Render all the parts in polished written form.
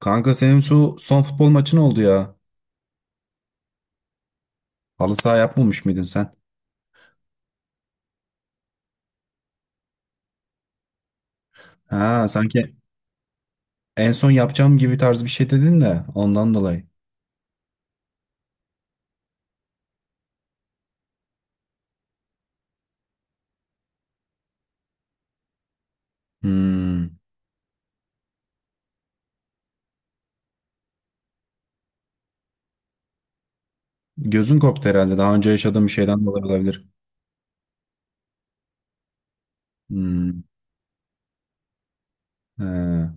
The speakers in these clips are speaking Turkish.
Kanka senin şu son futbol maçın oldu ya. Halı saha yapmamış mıydın sen? Ha sanki en son yapacağım gibi tarz bir şey dedin de ondan dolayı. Hmm. Gözün korktu herhalde. Daha önce yaşadığım bir şeyden dolayı olabilir. Hmm. Ha.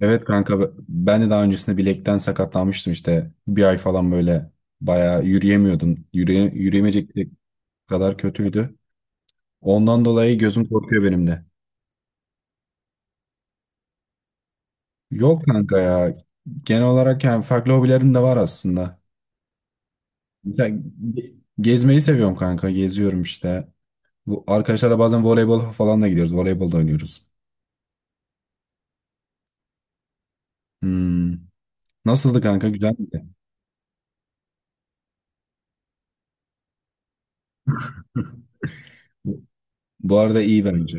Evet kanka ben de daha öncesinde bilekten sakatlanmıştım işte. Bir ay falan böyle bayağı yürüyemiyordum. Yürüyemeyecek kadar kötüydü. Ondan dolayı gözüm korkuyor benim de. Yok kanka ya. Genel olarak yani farklı hobilerim de var aslında. Sen ge- gezmeyi seviyorum kanka. Geziyorum işte. Bu arkadaşlarla bazen voleybol falan da gidiyoruz. Voleybol da oynuyoruz. Hmm. Nasıldı kanka? Güzel miydi? Bu arada iyi bence.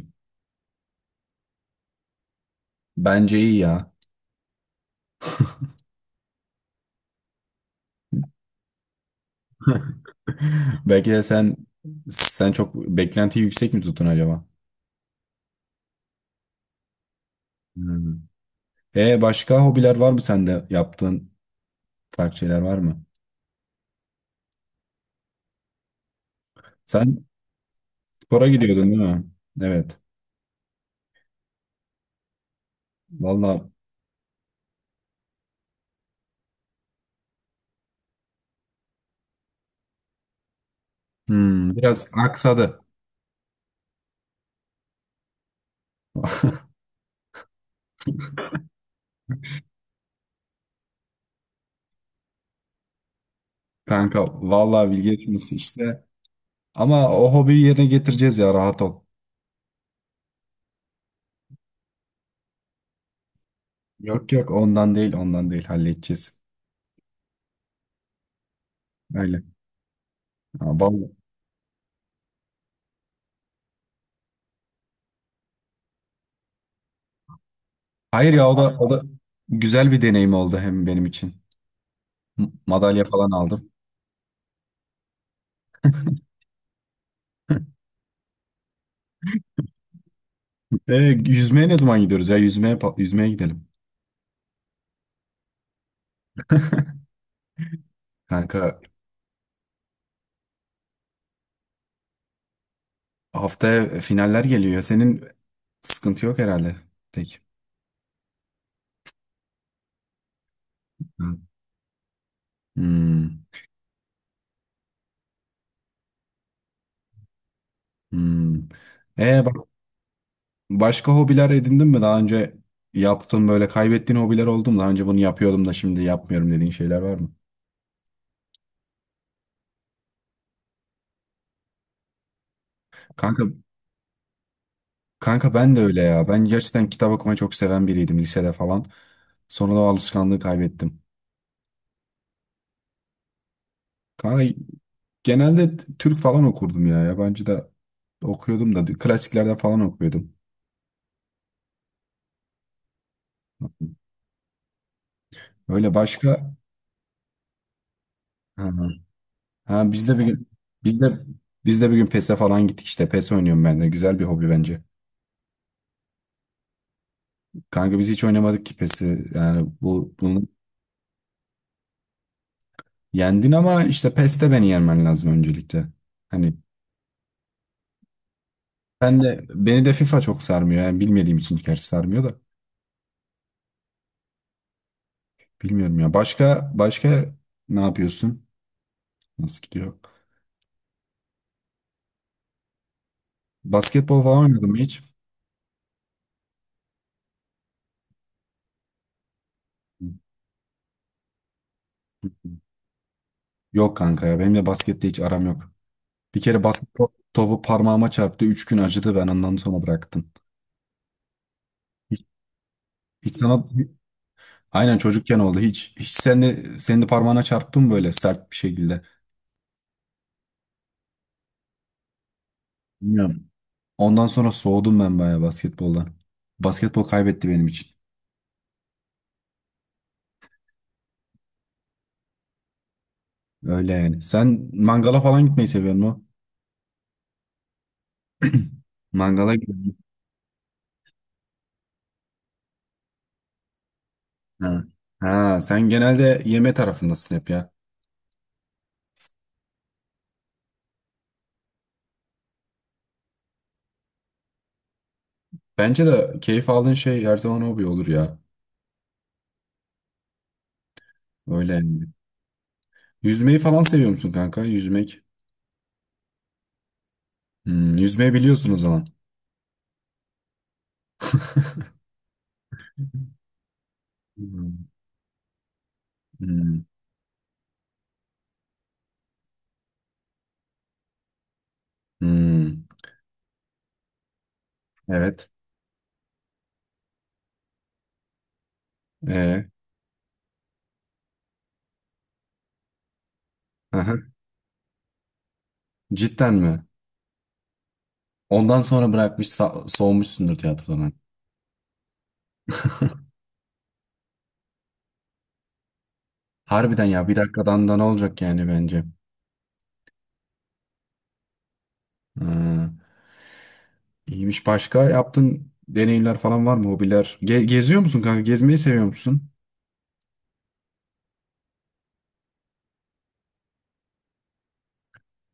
Bence iyi ya. Belki de sen çok beklentiyi yüksek mi tuttun acaba? Hmm. E başka hobiler var mı sende? Yaptığın farklı şeyler var mı? Sen spora gidiyordun değil mi? Evet. Vallahi biraz aksadı kanka. Vallahi bilgi yarışması işte. Ama o hobiyi yerine getireceğiz ya, rahat ol. Yok, yok, ondan değil, ondan değil, halledeceğiz. Öyle. Ha, vallahi. Hayır ya, o da güzel bir deneyim oldu hem benim için. Madalya falan aldım. E, yüzmeye ne zaman gidiyoruz ya? Yüzmeye gidelim. Kanka haftaya finaller geliyor. Senin sıkıntı yok herhalde. Tek. Hı. Hmm, hmm. E bak, başka hobiler edindin mi? Daha önce yaptığın böyle kaybettiğin hobiler oldu mu? Daha önce bunu yapıyordum da şimdi yapmıyorum dediğin şeyler var mı? Kanka, kanka, ben de öyle ya. Ben gerçekten kitap okumayı çok seven biriydim lisede falan. Sonra da o alışkanlığı kaybettim. Kanka genelde Türk falan okurdum ya. Yabancı da okuyordum da klasiklerden falan okuyordum. Öyle başka. Hı hı. Ha, biz de bir gün biz de biz de bir gün PES'e falan gittik işte. PES oynuyorum ben de. Güzel bir hobi bence. Kanka biz hiç oynamadık ki PES'i. Yani bunu yendin ama işte PES'te beni yenmen lazım öncelikle. Hani. Beni de FIFA çok sarmıyor. Yani bilmediğim için gerçi sarmıyor da. Bilmiyorum ya. Başka ne yapıyorsun? Nasıl gidiyor? Basketbol falan oynadın mı hiç? Yok kanka ya. Benim de baskette hiç aram yok. Bir kere basketbol topu parmağıma çarptı. Üç gün acıdı. Ben ondan sonra bıraktım. Hiç, hiç sana aynen çocukken oldu. Hiç sen de, senin de parmağına çarptı mı böyle sert bir şekilde? Bilmiyorum. Ondan sonra soğudum ben bayağı basketboldan. Basketbol kaybetti benim için. Öyle yani. Sen mangala falan gitmeyi seviyor musun? Mangala gidiyorum. Ha. Ha, sen genelde yeme tarafındasın hep ya. Bence de keyif aldığın şey her zaman hobi olur ya. Öyle yani. Yüzmeyi falan seviyor musun kanka? Yüzmek. Hmm, yüzmeyi biliyorsun o zaman. Hmm, hmm, hmm. Evet. Ee, aha. Cidden mi? Ondan sonra bırakmış soğumuşsundur tiyatrodan. Harbiden ya, bir dakikadan da ne olacak yani, bence. Ha, iyiymiş. Başka yaptığın deneyimler falan var mı? Hobiler. Geziyor musun kanka? Gezmeyi seviyor musun?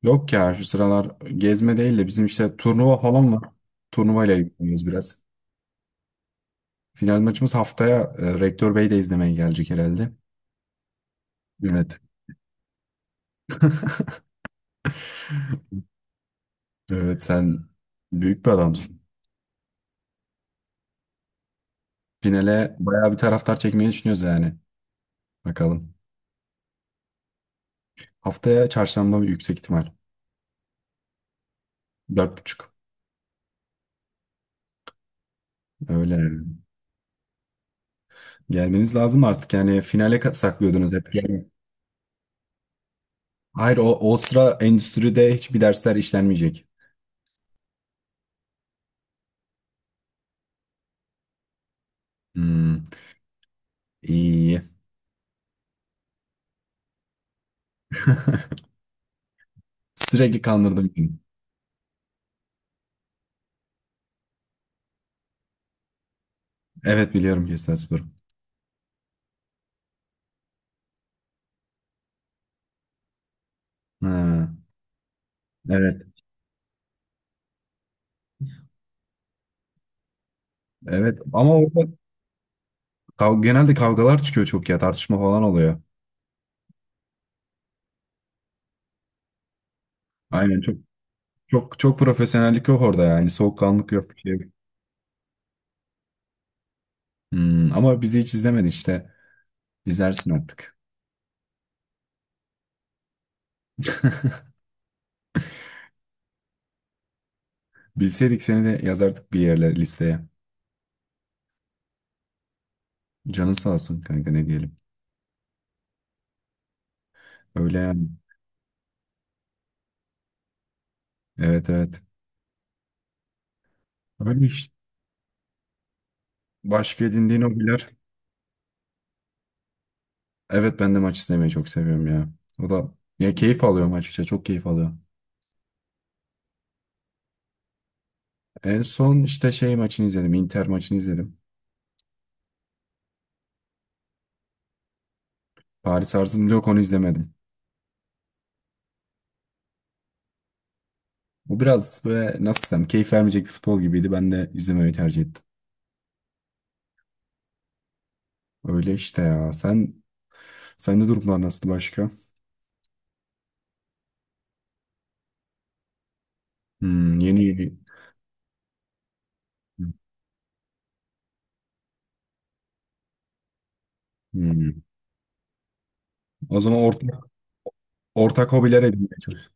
Yok ya, şu sıralar gezme değil de bizim işte turnuva falan var. Turnuva ile ilgileniyoruz biraz. Final maçımız haftaya, Rektör Bey de izlemeye gelecek herhalde. Evet. Evet, sen büyük bir adamsın. Finale bayağı bir taraftar çekmeyi düşünüyoruz yani. Bakalım. Haftaya çarşamba bir, yüksek ihtimal. Dört buçuk. Öyle yani. Gelmeniz lazım artık yani finale, saklıyordunuz hep. Yani, hayır, o sıra endüstride hiçbir dersler işlenmeyecek. Hmm, iyi. Sürekli kandırdım beni. Evet, biliyorum Kestel. Ha, evet. Evet. Ama orada genelde kavgalar çıkıyor çok ya. Tartışma falan oluyor. Aynen, çok çok çok profesyonellik yok orada yani. Soğukkanlık yok, bir şey yok. Hmm, ama bizi hiç izlemedin işte. İzlersin artık. Bilseydik seni de yazardık bir yerlere listeye. Canın sağ olsun kanka, ne diyelim. Öyle yani. Evet, evet. Öyle işte. Başka edindiğin hobiler. Evet, ben de maç izlemeyi çok seviyorum ya. O da, ya, keyif alıyorum açıkçası. Çok keyif alıyorum. En son işte şey maçını izledim. Inter maçını izledim. Paris Arzum yok, onu izlemedim. Bu biraz böyle nasıl desem keyif vermeyecek bir futbol gibiydi. Ben de izlemeyi tercih ettim. Öyle işte ya. Sende durumlar nasıl, başka? Hmm, yeni yeni. Hmm. O zaman ortak hobiler edinmeye çalış.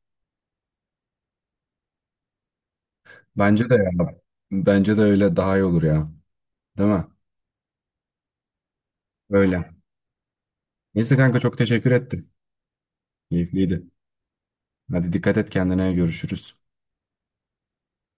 Bence de ya. Bence de öyle daha iyi olur ya. Değil mi? Öyle. Neyse kanka, çok teşekkür ettim. Keyifliydi. Hadi, dikkat et kendine, görüşürüz.